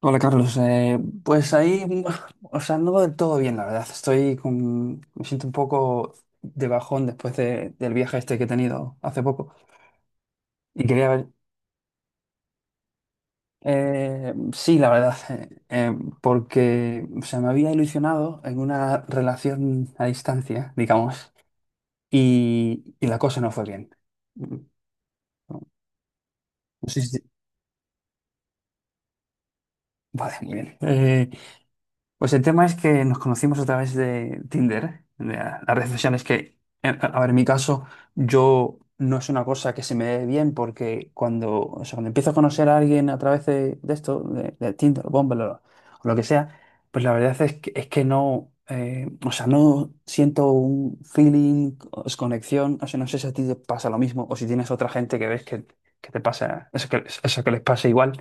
Hola Carlos, pues ahí, o sea, no del todo bien, la verdad. Estoy con, me siento un poco de bajón después del viaje este que he tenido hace poco. Y quería ver, sí, la verdad, porque, o sea, me había ilusionado en una relación a distancia, digamos, y la cosa no fue bien. Mm, no, no sé si- Vale, muy bien. Pues el tema es que nos conocimos a través de Tinder, las redes sociales que, a ver, en mi caso, yo no es una cosa que se me dé bien porque cuando, o sea, cuando empiezo a conocer a alguien a través de esto, de Tinder, o Bumble o lo que sea, pues la verdad es que no, o sea, no siento un feeling, o es conexión, o sea, no sé si a ti te pasa lo mismo o si tienes otra gente que ves que te pasa, eso que les pasa igual.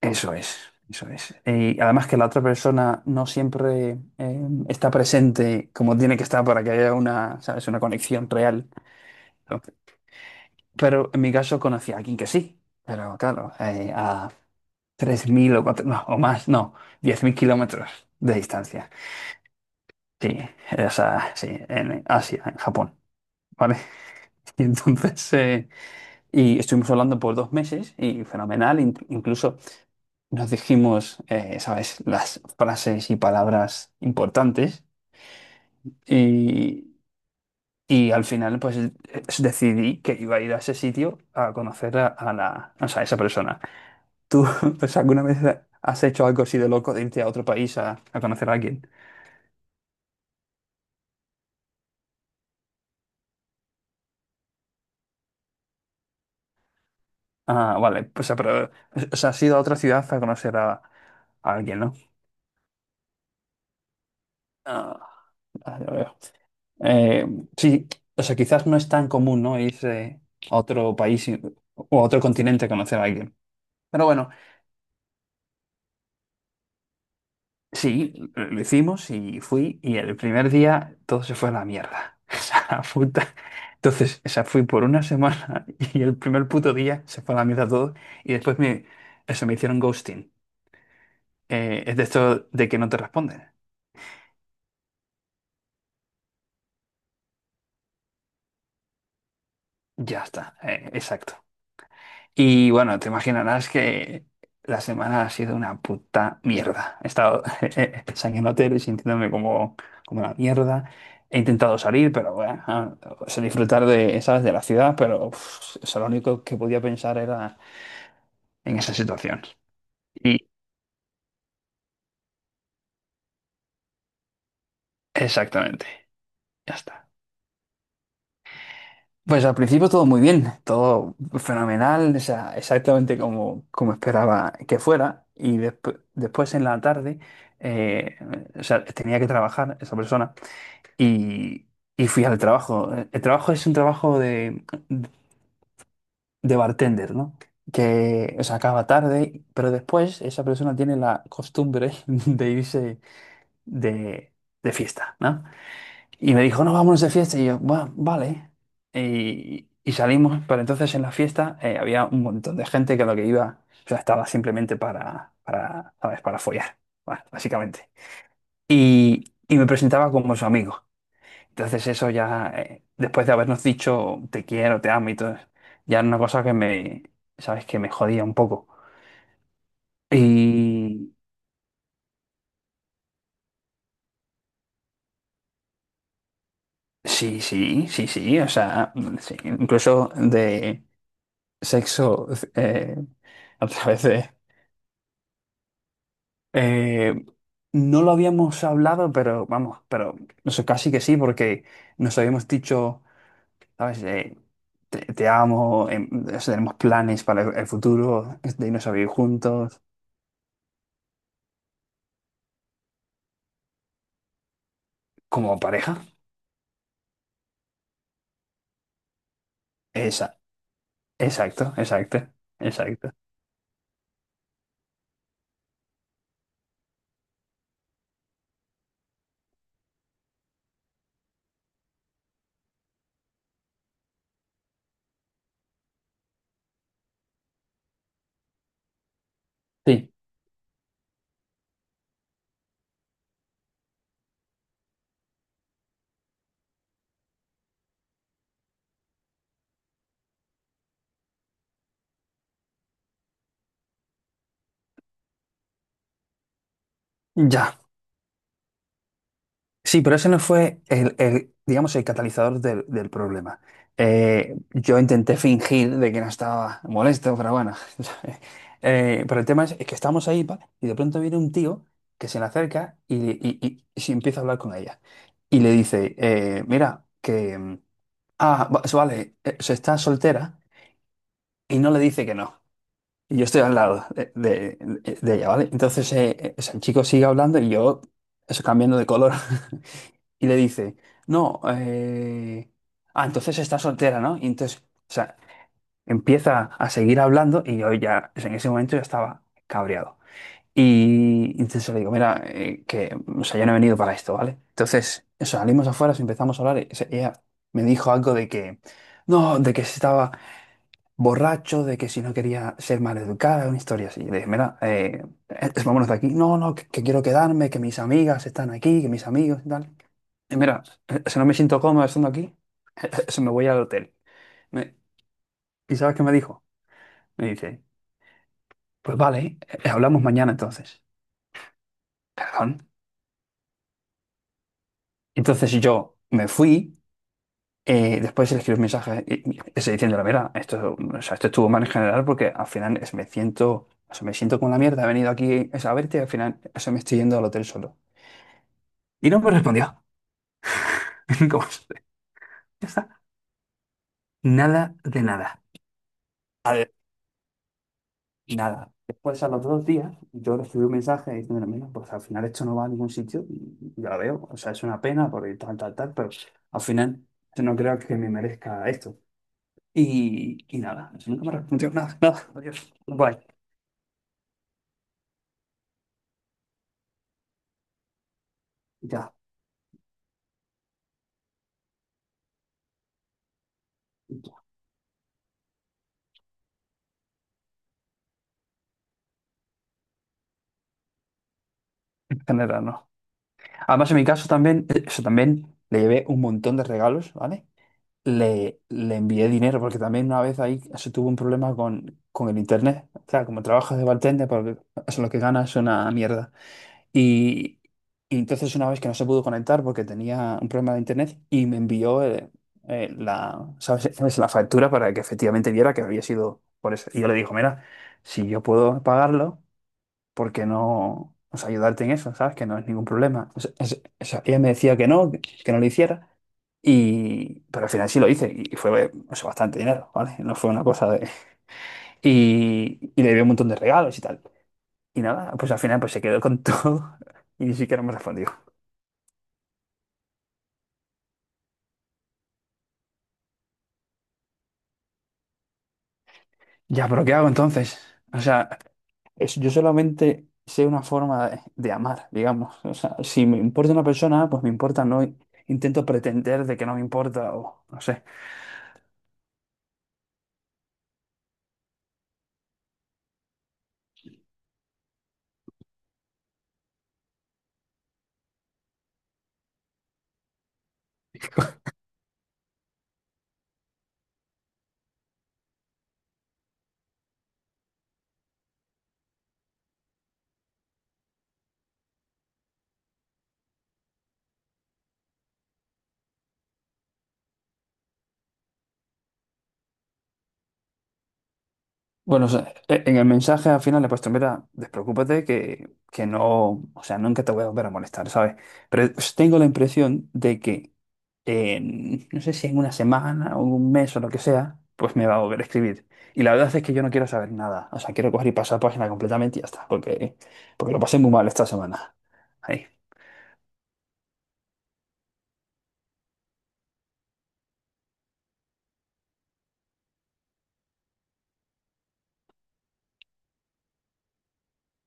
Eso es, eso es. Y además que la otra persona no siempre está presente como tiene que estar para que haya una, ¿sabes?, una conexión real. Entonces, pero en mi caso conocí a alguien que sí, pero claro, a 3.000 o, cuatro- no, o más, no, 10.000 kilómetros de distancia. Sí, esa, sí, en Asia, en Japón. ¿Vale? Y entonces, y estuvimos hablando por 2 meses y fenomenal, incluso nos dijimos, ¿sabes?, las frases y palabras importantes y, y al final pues decidí que iba a ir a ese sitio a conocer a la, o sea, a esa persona. ¿Tú pues alguna vez has hecho algo así de loco de irte a otro país a conocer a alguien? Ah, vale, pues ah, pero, o sea, has ido a otra ciudad a conocer a alguien, ¿no? Ah, ah, ya veo. Eh, sí, o sea, quizás no es tan común, ¿no?, irse a otro país o a otro continente a conocer a alguien. Pero bueno, sí, lo hicimos y fui y el primer día todo se fue a la mierda. Esa la puta. Entonces, esa fui por una semana y el primer puto día se fue a la mierda todo y después me, eso, me hicieron ghosting. Es de esto de que no te responden. Ya está, exacto. Y bueno, te imaginarás que la semana ha sido una puta mierda. He estado en hotel y sintiéndome como una mierda. He intentado salir, pero bueno, ah, o sea, disfrutar de, ¿sabes?, de la ciudad, pero uf, o sea, lo único que podía pensar era en esa situación. Y exactamente, ya está. Pues al principio todo muy bien, todo fenomenal, o sea, exactamente como esperaba que fuera. Y después en la tarde, eh, o sea, tenía que trabajar esa persona y, y fui al trabajo. El trabajo es un trabajo de bartender, ¿no? Que, o sea, acaba tarde, pero después esa persona tiene la costumbre de irse de, de fiesta, ¿no? Y me dijo, no, vámonos de fiesta. Y yo, bueno, vale. Y salimos, pero entonces en la fiesta había un montón de gente que lo que iba, o sea, estaba simplemente para, ¿sabes?, para follar, básicamente. Y me presentaba como su amigo. Entonces eso ya, después de habernos dicho te quiero, te amo y todo, ya era una cosa que me, ¿sabes?, que me jodía un poco. Y sí, sí, sí, sí, o sea, sí, incluso de sexo, eh, a través de, Eh, no lo habíamos hablado, pero vamos, pero no sé, casi que sí, porque nos habíamos dicho, ¿sabes?, te amo, o sea, tenemos planes para el futuro, de irnos a vivir juntos, como pareja. Esa, exacto, exacto, exacto. Sí, ya. Sí, pero ese no fue el, digamos, el catalizador del problema. Yo intenté fingir de que no estaba molesto, pero bueno. Pero el tema es que estamos ahí, ¿vale? Y de pronto viene un tío que se le acerca y se empieza a hablar con ella. Y le dice, mira, que... Ah, vale, se está soltera y no le dice que no. Y yo estoy al lado de ella, ¿vale? Entonces o sea, el chico sigue hablando y yo, eso cambiando de color y le dice, no, ah, entonces está soltera, ¿no? Y entonces, o sea, empieza a seguir hablando y yo ya, o sea, en ese momento ya estaba cabreado. Y entonces le digo, mira, que, o sea, yo no he venido para esto, ¿vale? Entonces, o sea, salimos afuera, empezamos a hablar, y, o sea, ella me dijo algo de que, no, de que si estaba borracho, de que si no quería ser maleducada, una historia así. Y le dije, mira, vámonos de aquí. No, no, que quiero quedarme, que mis amigas están aquí, que mis amigos y tal. Y mira, si no me siento cómodo estando aquí, se me voy al hotel. Me- ¿Y sabes qué me dijo? Me dice, pues vale, hablamos mañana entonces. Perdón. Entonces yo me fui, después le escribí un mensaje ese diciendo, mira, esto, o sea, esto estuvo mal en general porque al final me siento, o sea, me siento como la mierda, he venido aquí es, a verte y al final, o sea, me estoy yendo al hotel solo. Y no me respondió. Como, siempre. Ya está. Nada de nada. Y nada, después a los 2 días yo recibí un mensaje diciéndome, mira, pues al final esto no va a ningún sitio y ya lo veo, o sea, es una pena porque tal, tal, tal, pero al final yo no creo que me merezca esto. Y nada, eso nunca me respondió nada, nada, adiós, bye ya, en general no. Además, en mi caso también, eso también, le llevé un montón de regalos, ¿vale? Le envié dinero porque también una vez ahí se tuvo un problema con el internet. O sea, como trabajas de bartender, porque eso lo que ganas es una mierda. Y, y entonces una vez que no se pudo conectar porque tenía un problema de internet y me envió la, ¿sabes? ¿sabes?, la factura para que efectivamente viera que había sido por eso. Y yo le digo, mira, si yo puedo pagarlo, ¿por qué no, o sea, ayudarte en eso? ¿Sabes? Que no es ningún problema. O sea, ella me decía que no, que no lo hiciera. Y, pero al final sí lo hice y fue, o sea, bastante dinero, ¿vale? No fue una cosa de... Y le dio un montón de regalos y tal. Y nada, pues al final pues se quedó con todo y ni siquiera me respondió. Ya, pero ¿qué hago entonces? O sea, yo solamente sé una forma de amar, digamos. O sea, si me importa una persona, pues me importa, no intento pretender de que no me importa o no sé. Bueno, o sea, en el mensaje al final le he puesto, mira, despreocúpate que no, o sea, nunca te voy a volver a molestar, ¿sabes? Pero tengo la impresión de que en, no sé si en una semana o un mes o lo que sea, pues me va a volver a escribir. Y la verdad es que yo no quiero saber nada. O sea, quiero coger y pasar página completamente y ya está, porque lo pasé muy mal esta semana. Ahí.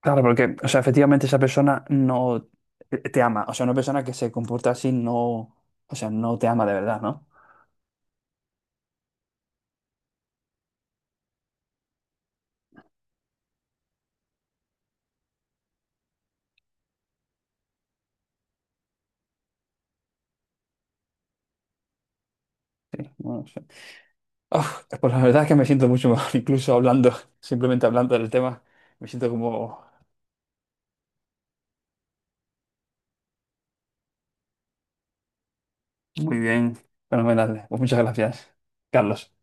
Claro, porque, o sea, efectivamente esa persona no te ama. O sea, una persona que se comporta así no, o sea, no te ama de verdad, ¿no? Sí, no sé. Uf, pues la verdad es que me siento mucho mejor, incluso hablando, simplemente hablando del tema, me siento como muy bien, fenomenal. Pues muchas gracias, Carlos.